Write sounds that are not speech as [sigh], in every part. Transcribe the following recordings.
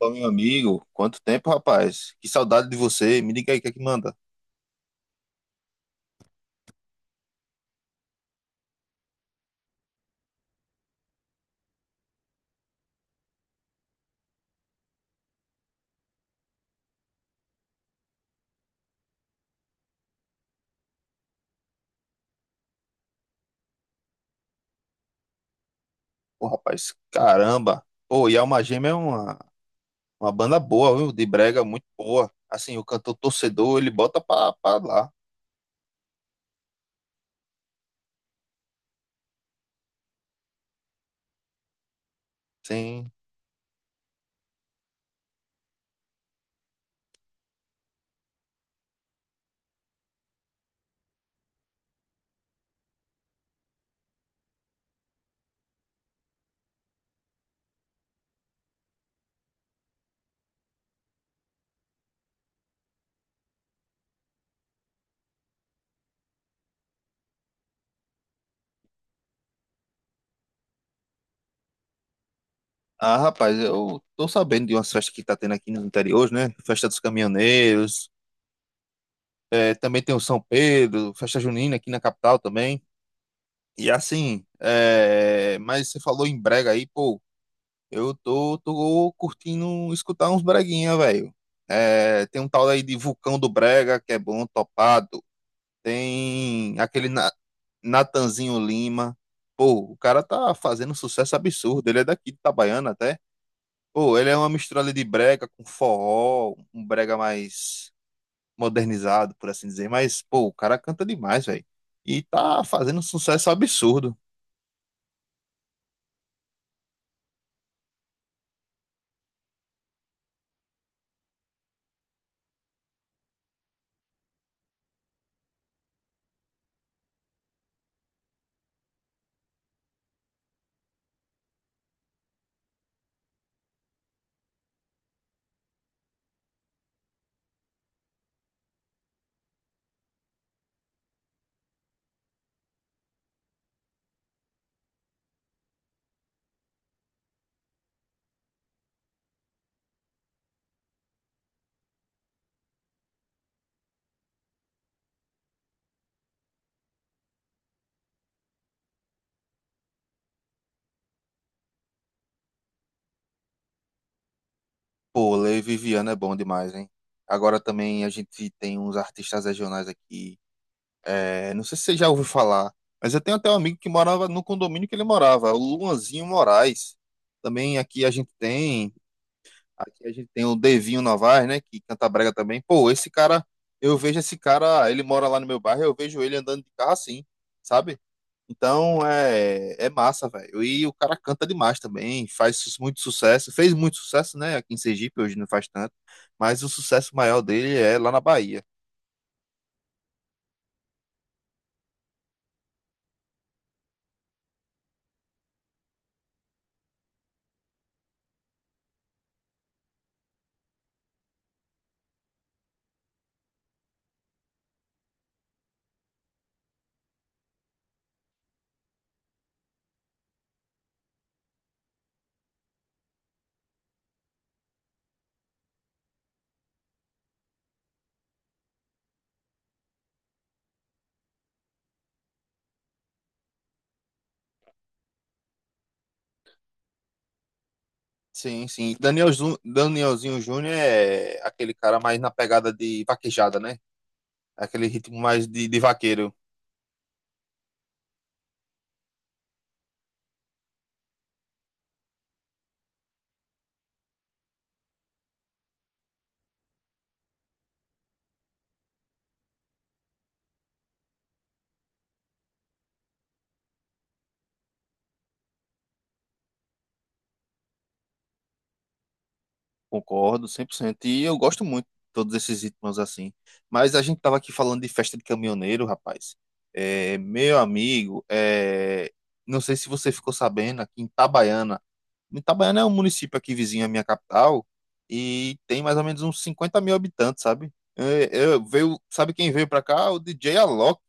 Opa, meu amigo, quanto tempo, rapaz? Que saudade de você. Me diga aí o que é que manda. Pô, rapaz, caramba. Pô, e a Alma Gêmea é uma banda boa, viu? De brega, muito boa. Assim, o cantor torcedor, ele bota pra lá. Sim. Ah, rapaz, eu tô sabendo de umas festas que tá tendo aqui no interior, hoje, né? Festa dos Caminhoneiros, é, também tem o São Pedro, Festa Junina aqui na capital também. E assim, é, mas você falou em brega aí, pô. Eu tô curtindo escutar uns breguinha, velho. É, tem um tal aí de Vulcão do Brega, que é bom, topado. Tem aquele Natanzinho Lima. Pô, o cara tá fazendo um sucesso absurdo. Ele é daqui de Itabaiana até. Pô, ele é uma mistura ali de brega com forró, um brega mais modernizado, por assim dizer. Mas, pô, o cara canta demais, velho. E tá fazendo um sucesso absurdo. Pô, Lei Viviana é bom demais, hein? Agora também a gente tem uns artistas regionais aqui. É, não sei se você já ouviu falar, mas eu tenho até um amigo que morava no condomínio que ele morava, o Luanzinho Moraes. Também aqui a gente aqui a gente tem o Devinho Novaes, né, que canta brega também. Pô, esse cara, eu vejo esse cara, ele mora lá no meu bairro, eu vejo ele andando de carro assim, sabe? Então é massa, velho. E o cara canta demais também, muito sucesso. Fez muito sucesso, né? Aqui em Sergipe, hoje não faz tanto. Mas o sucesso maior dele é lá na Bahia. Sim, sim. Danielzinho Júnior é aquele cara mais na pegada de vaquejada, né? Aquele ritmo mais de vaqueiro. Concordo, 100%. E eu gosto muito de todos esses ritmos assim. Mas a gente tava aqui falando de festa de caminhoneiro, rapaz. É, meu amigo, é, não sei se você ficou sabendo, aqui em Itabaiana. Itabaiana é um município aqui vizinho à minha capital e tem mais ou menos uns 50.000 habitantes, sabe? É, veio, sabe quem veio pra cá? O DJ Alok,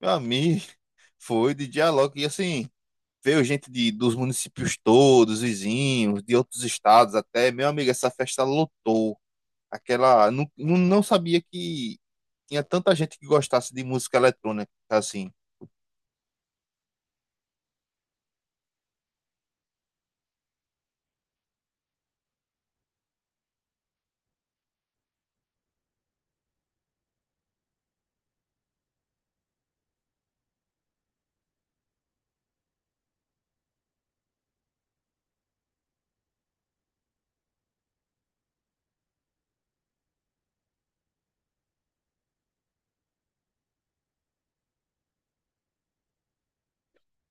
meu amigo. [laughs] Foi DJ Alok. E assim, veio gente dos municípios todos, vizinhos, de outros estados até. Meu amigo, essa festa lotou aquela. Não sabia que tinha tanta gente que gostasse de música eletrônica, assim.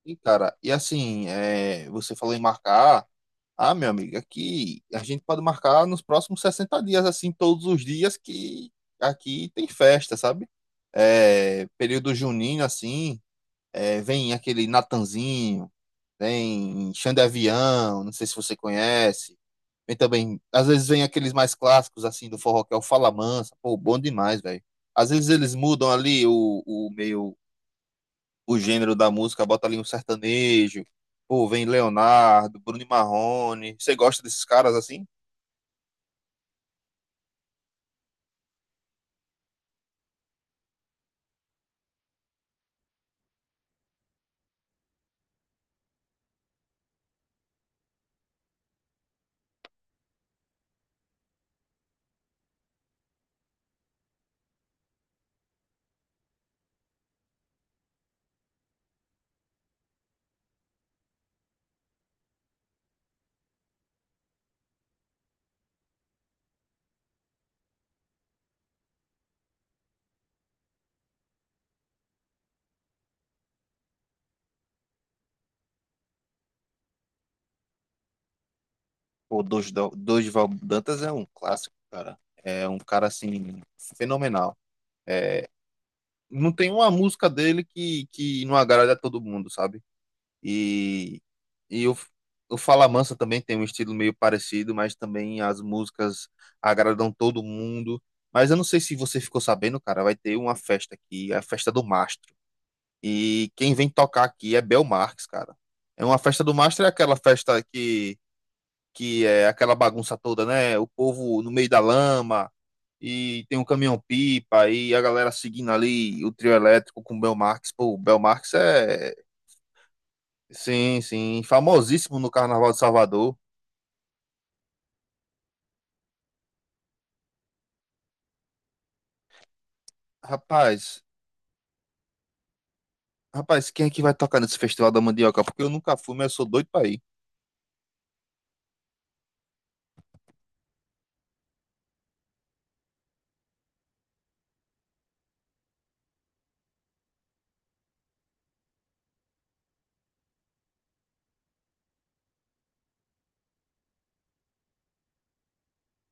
E, cara, e assim, é, você falou em marcar. Ah, meu amigo, aqui a gente pode marcar nos próximos 60 dias, assim, todos os dias que aqui tem festa, sabe? É, período junino, assim. É, vem aquele Natanzinho, vem Xande Avião, não sei se você conhece. Vem também, às vezes vem aqueles mais clássicos, assim, do forró, que é o Fala Mansa. Pô, bom demais, velho. Às vezes eles mudam ali o meio, o gênero da música, bota ali um sertanejo. Pô, vem Leonardo, Bruno e Marrone. Você gosta desses caras, assim? Pô, Dorival Dantas é um clássico, cara. É um cara, assim, fenomenal. É, não tem uma música dele que não agrada a todo mundo, sabe? E, e o Fala Mansa também tem um estilo meio parecido, mas também as músicas agradam todo mundo. Mas eu não sei se você ficou sabendo, cara, vai ter uma festa aqui, a festa do Mastro. E quem vem tocar aqui é Bel Marques, cara. É uma festa do Mastro, é aquela festa que é aquela bagunça toda, né? O povo no meio da lama, e tem um caminhão-pipa, e a galera seguindo ali o trio elétrico com o Belmarx. Pô, o Belmarx é, sim, sim, famosíssimo no Carnaval de Salvador. Rapaz, Rapaz, quem é que vai tocar nesse Festival da Mandioca? Porque eu nunca fui, mas eu sou doido pra ir.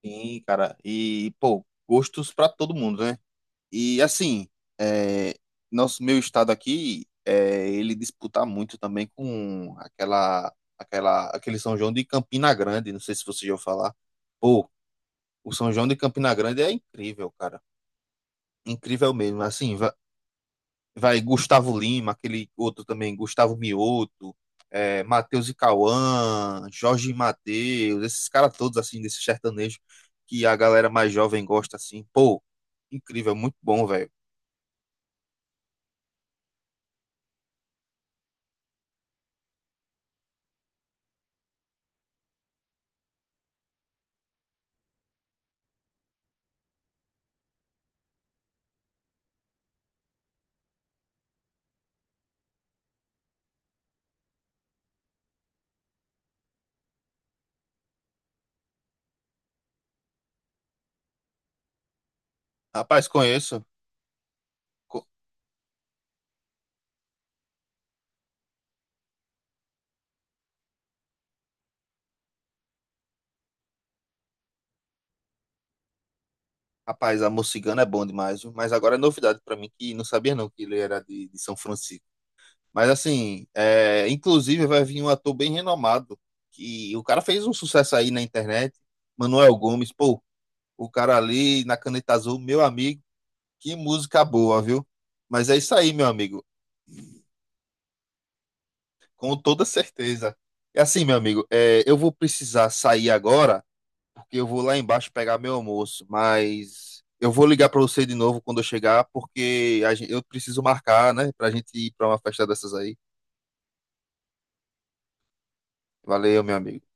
Sim, cara, e, pô, gostos pra todo mundo, né? E assim, é, nosso meu estado aqui, é, ele disputa muito também com aquele São João de Campina Grande. Não sei se você já ouviu falar. Pô, o São João de Campina Grande é incrível, cara. Incrível mesmo. Assim, vai Gustavo Lima, aquele outro também, Gustavo Mioto, é, Matheus e Cauã, Jorge e Matheus, esses caras todos, assim, desse sertanejo que a galera mais jovem gosta, assim. Pô, incrível, muito bom, velho. Rapaz, conheço. Co- Rapaz, Amor Cigano é bom demais, viu? Mas agora é novidade pra mim que não sabia não que ele era de São Francisco. Mas assim, é, inclusive vai vir um ator bem renomado, que o cara fez um sucesso aí na internet, Manuel Gomes, pô, o cara ali na Caneta Azul, meu amigo, que música boa, viu? Mas é isso aí, meu amigo, com toda certeza. É assim, meu amigo, é, eu vou precisar sair agora, que eu vou lá embaixo pegar meu almoço, mas eu vou ligar para você de novo quando eu chegar, porque a eu preciso marcar, né, pra gente ir para uma festa dessas aí. Valeu, meu amigo.